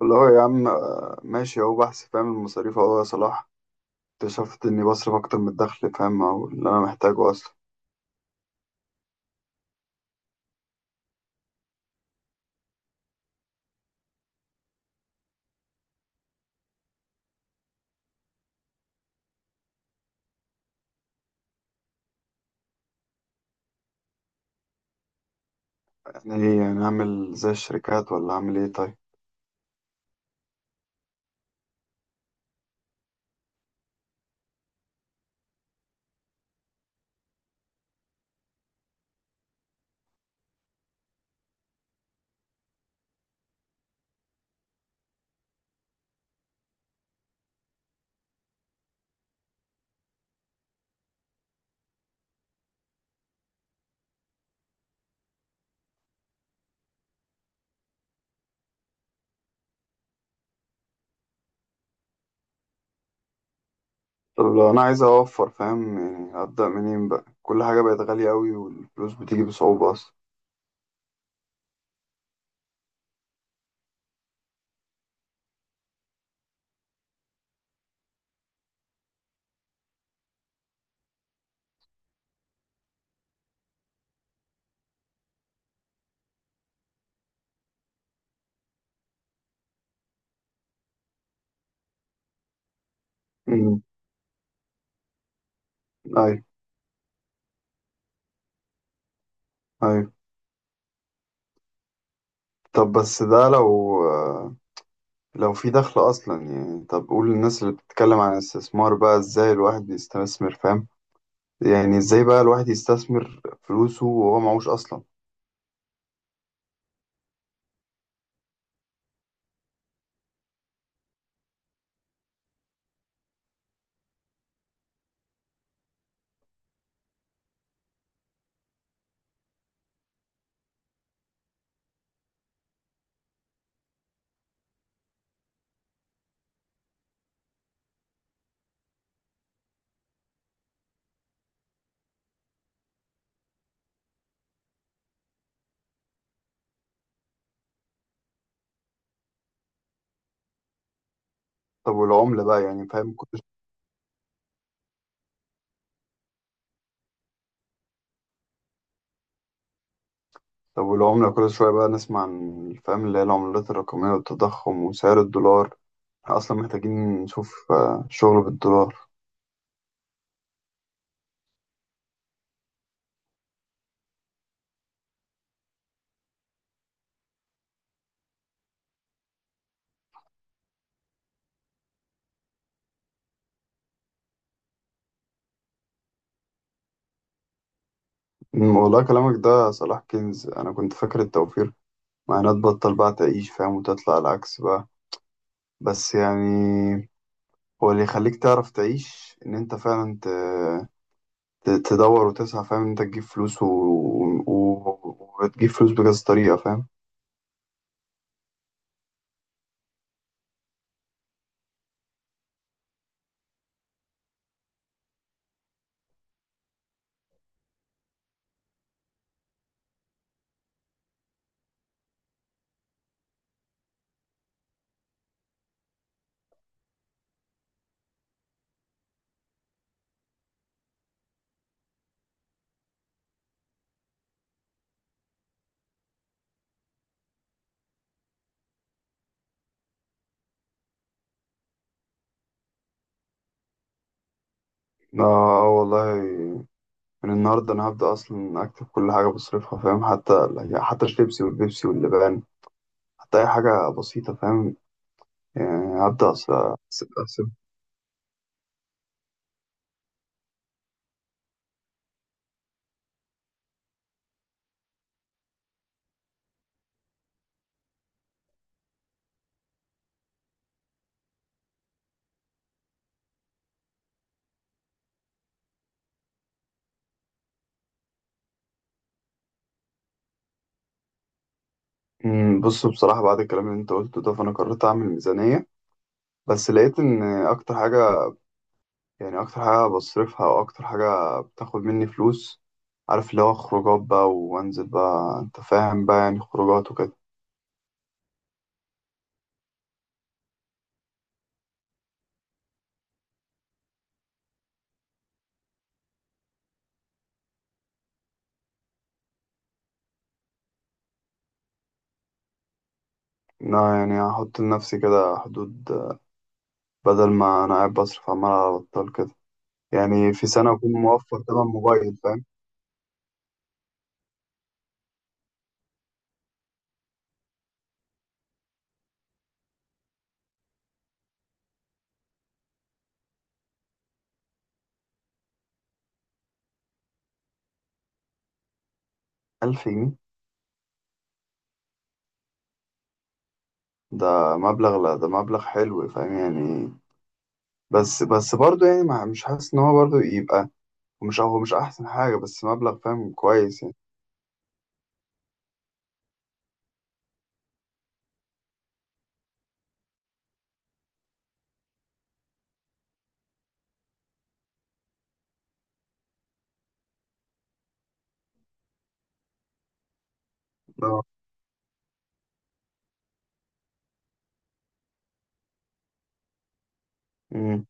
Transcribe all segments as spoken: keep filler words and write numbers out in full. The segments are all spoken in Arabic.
والله يا عم آه، ماشي اهو بحث فاهم المصاريف اهو يا صلاح. اكتشفت اني بصرف اكتر من الدخل، فاهم؟ او اللي انا محتاجه اصلا. يعني ايه؟ يعني اعمل زي الشركات ولا اعمل ايه؟ طيب. طب لو انا عايز اوفر فاهم، يعني ابدا منين بقى؟ كل حاجه بقت غاليه قوي والفلوس بتيجي بصعوبه اصلا. امم. ايوه، ايوه. طب بس ده لو آه، لو في دخل اصلا، يعني. طب قول للناس اللي بتتكلم عن الاستثمار بقى، ازاي الواحد يستثمر؟ فاهم؟ يعني ازاي بقى الواحد يستثمر فلوسه وهو معهوش اصلا؟ طب والعملة بقى، يعني فاهم، كل... طب والعملة كل شوية بقى نسمع عن، فاهم، اللي هي العملات الرقمية والتضخم وسعر الدولار. احنا أصلا محتاجين نشوف آه، شغل بالدولار. أمم، والله كلامك ده يا صلاح كنز. أنا كنت فاكر التوفير معناه تبطل بقى تعيش فاهم، وتطلع العكس بقى. بس يعني هو اللي يخليك تعرف تعيش إن أنت فعلا ت... ت- تدور وتسعى، فاهم، إن أنت تجيب فلوس و... و... وتجيب فلوس بكذا طريقة، فاهم. اه. آه، والله، من النهاردة أنا هبدأ أصلا أكتب كل حاجة بصرفها، فاهم؟ حتى، يعني حتى الشيبسي والبيبسي واللبان، حتى أي حاجة بسيطة، فاهم. يعني هبدأ أص- أحسب أحسب. أمم، بص بصراحة بعد الكلام اللي أنت قلته ده فأنا قررت أعمل ميزانية. بس لقيت إن أكتر حاجة، يعني أكتر حاجة بصرفها، أو أكتر حاجة بتاخد مني فلوس، عارف اللي هو خروجات بقى، وأنزل بقى، أنت فاهم بقى، يعني خروجات وكده. إن أنا يعني هحط لنفسي كده حدود، بدل ما أنا قاعد بصرف عمال على بطال كده. يعني في سنة أكون موفر تمن موبايل، فاهم. ألف جنيه؟ ده مبلغ، لا ده مبلغ حلو، فاهم يعني. بس بس برضه يعني، ما مش حاسس إن هو برضه يبقى... مش، هو مش أحسن حاجة، بس مبلغ فاهم كويس، يعني. آه. أمم.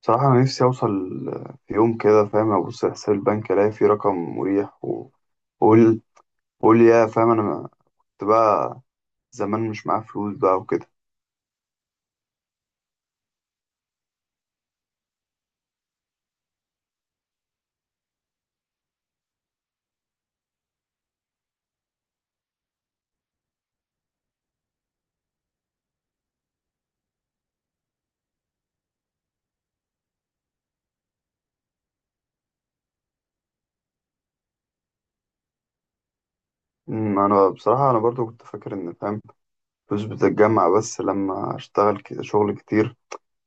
صراحة أنا نفسي أوصل في يوم كده، فاهم، أبص على حساب البنك ألاقي فيه رقم مريح و- وأقول، أقول يا فاهم، أنا ما- كنت بقى زمان مش معايا فلوس بقى وكده. أمم، أنا بصراحة أنا برضو كنت فاكر إن، فاهم، فلوس بتتجمع بس لما أشتغل كده شغل كتير.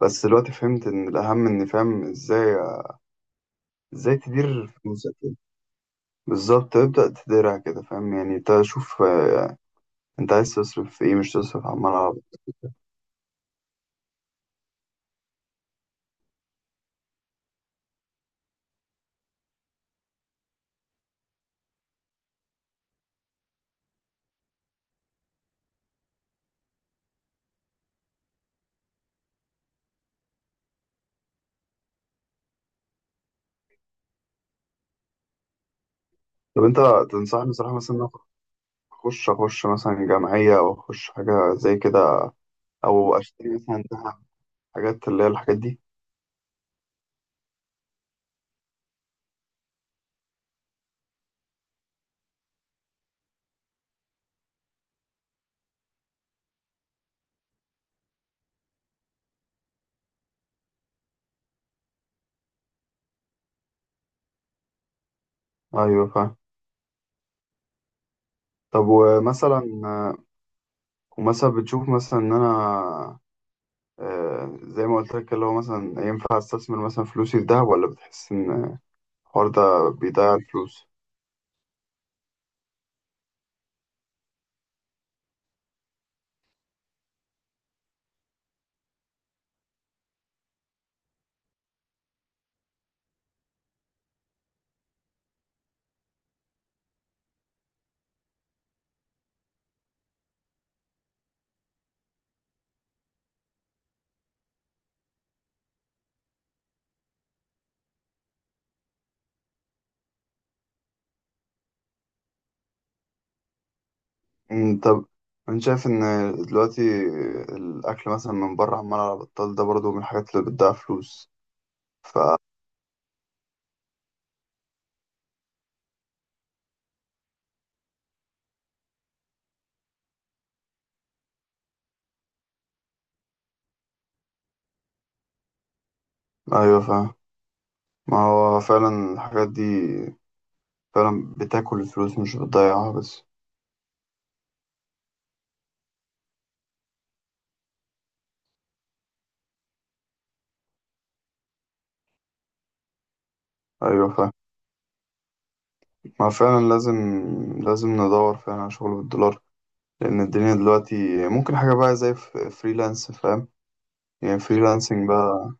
بس دلوقتي فهمت ان الاهم اني فاهم ازاي. ازاي تدير فلوسك، يعني. بالظبط تبدأ تديرها كده، فاهم، يعني تشوف آه، انت عايز تصرف في ايه، مش تصرف على العربي. طب انت تنصحني بصراحة مثلا إن أنا اخش اخش مثلا جمعية، او اخش حاجة زي كده؟ او اشتري مثلا ذهب، حاجات اللي هي الحاجات دي؟ ايوه، فاهم. طب ومثلا آه، ومثلا بتشوف مثلا ان انا، آه، زي ما قلت لك اللي هو مثلا ينفع استثمر مثلا فلوسي في دهب، ولا بتحس ان الحوار ده بيضيع الفلوس؟ مم، طب، أنا شايف إن دلوقتي الأكل مثلا من بره عمال على بطال ده برضه من الحاجات اللي بتضيع فلوس. ف أيوة فاهم. ما هو فعلا الحاجات دي فعلا بتاكل الفلوس مش بتضيعها بس. أيوة فاهم. ما فعلا لازم، لازم ندور فعلا على شغل بالدولار، لأن الدنيا دلوقتي ممكن حاجة بقى زي ف- فريلانس، فاهم. يعني فريلانسنج بقى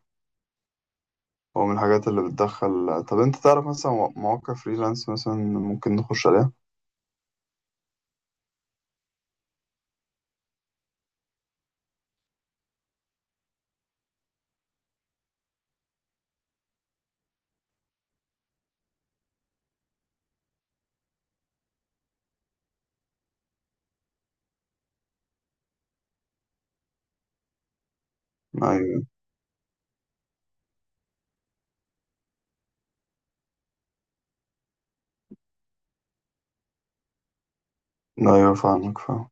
هو من الحاجات اللي بتدخل. طب أنت تعرف مثلا مواقع فريلانس مثلا ممكن نخش عليها؟ أيوة، أيوة، فاهمك فاهم.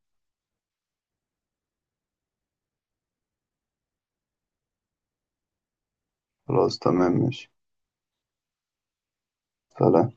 خلاص تمام، ماشي. سلام.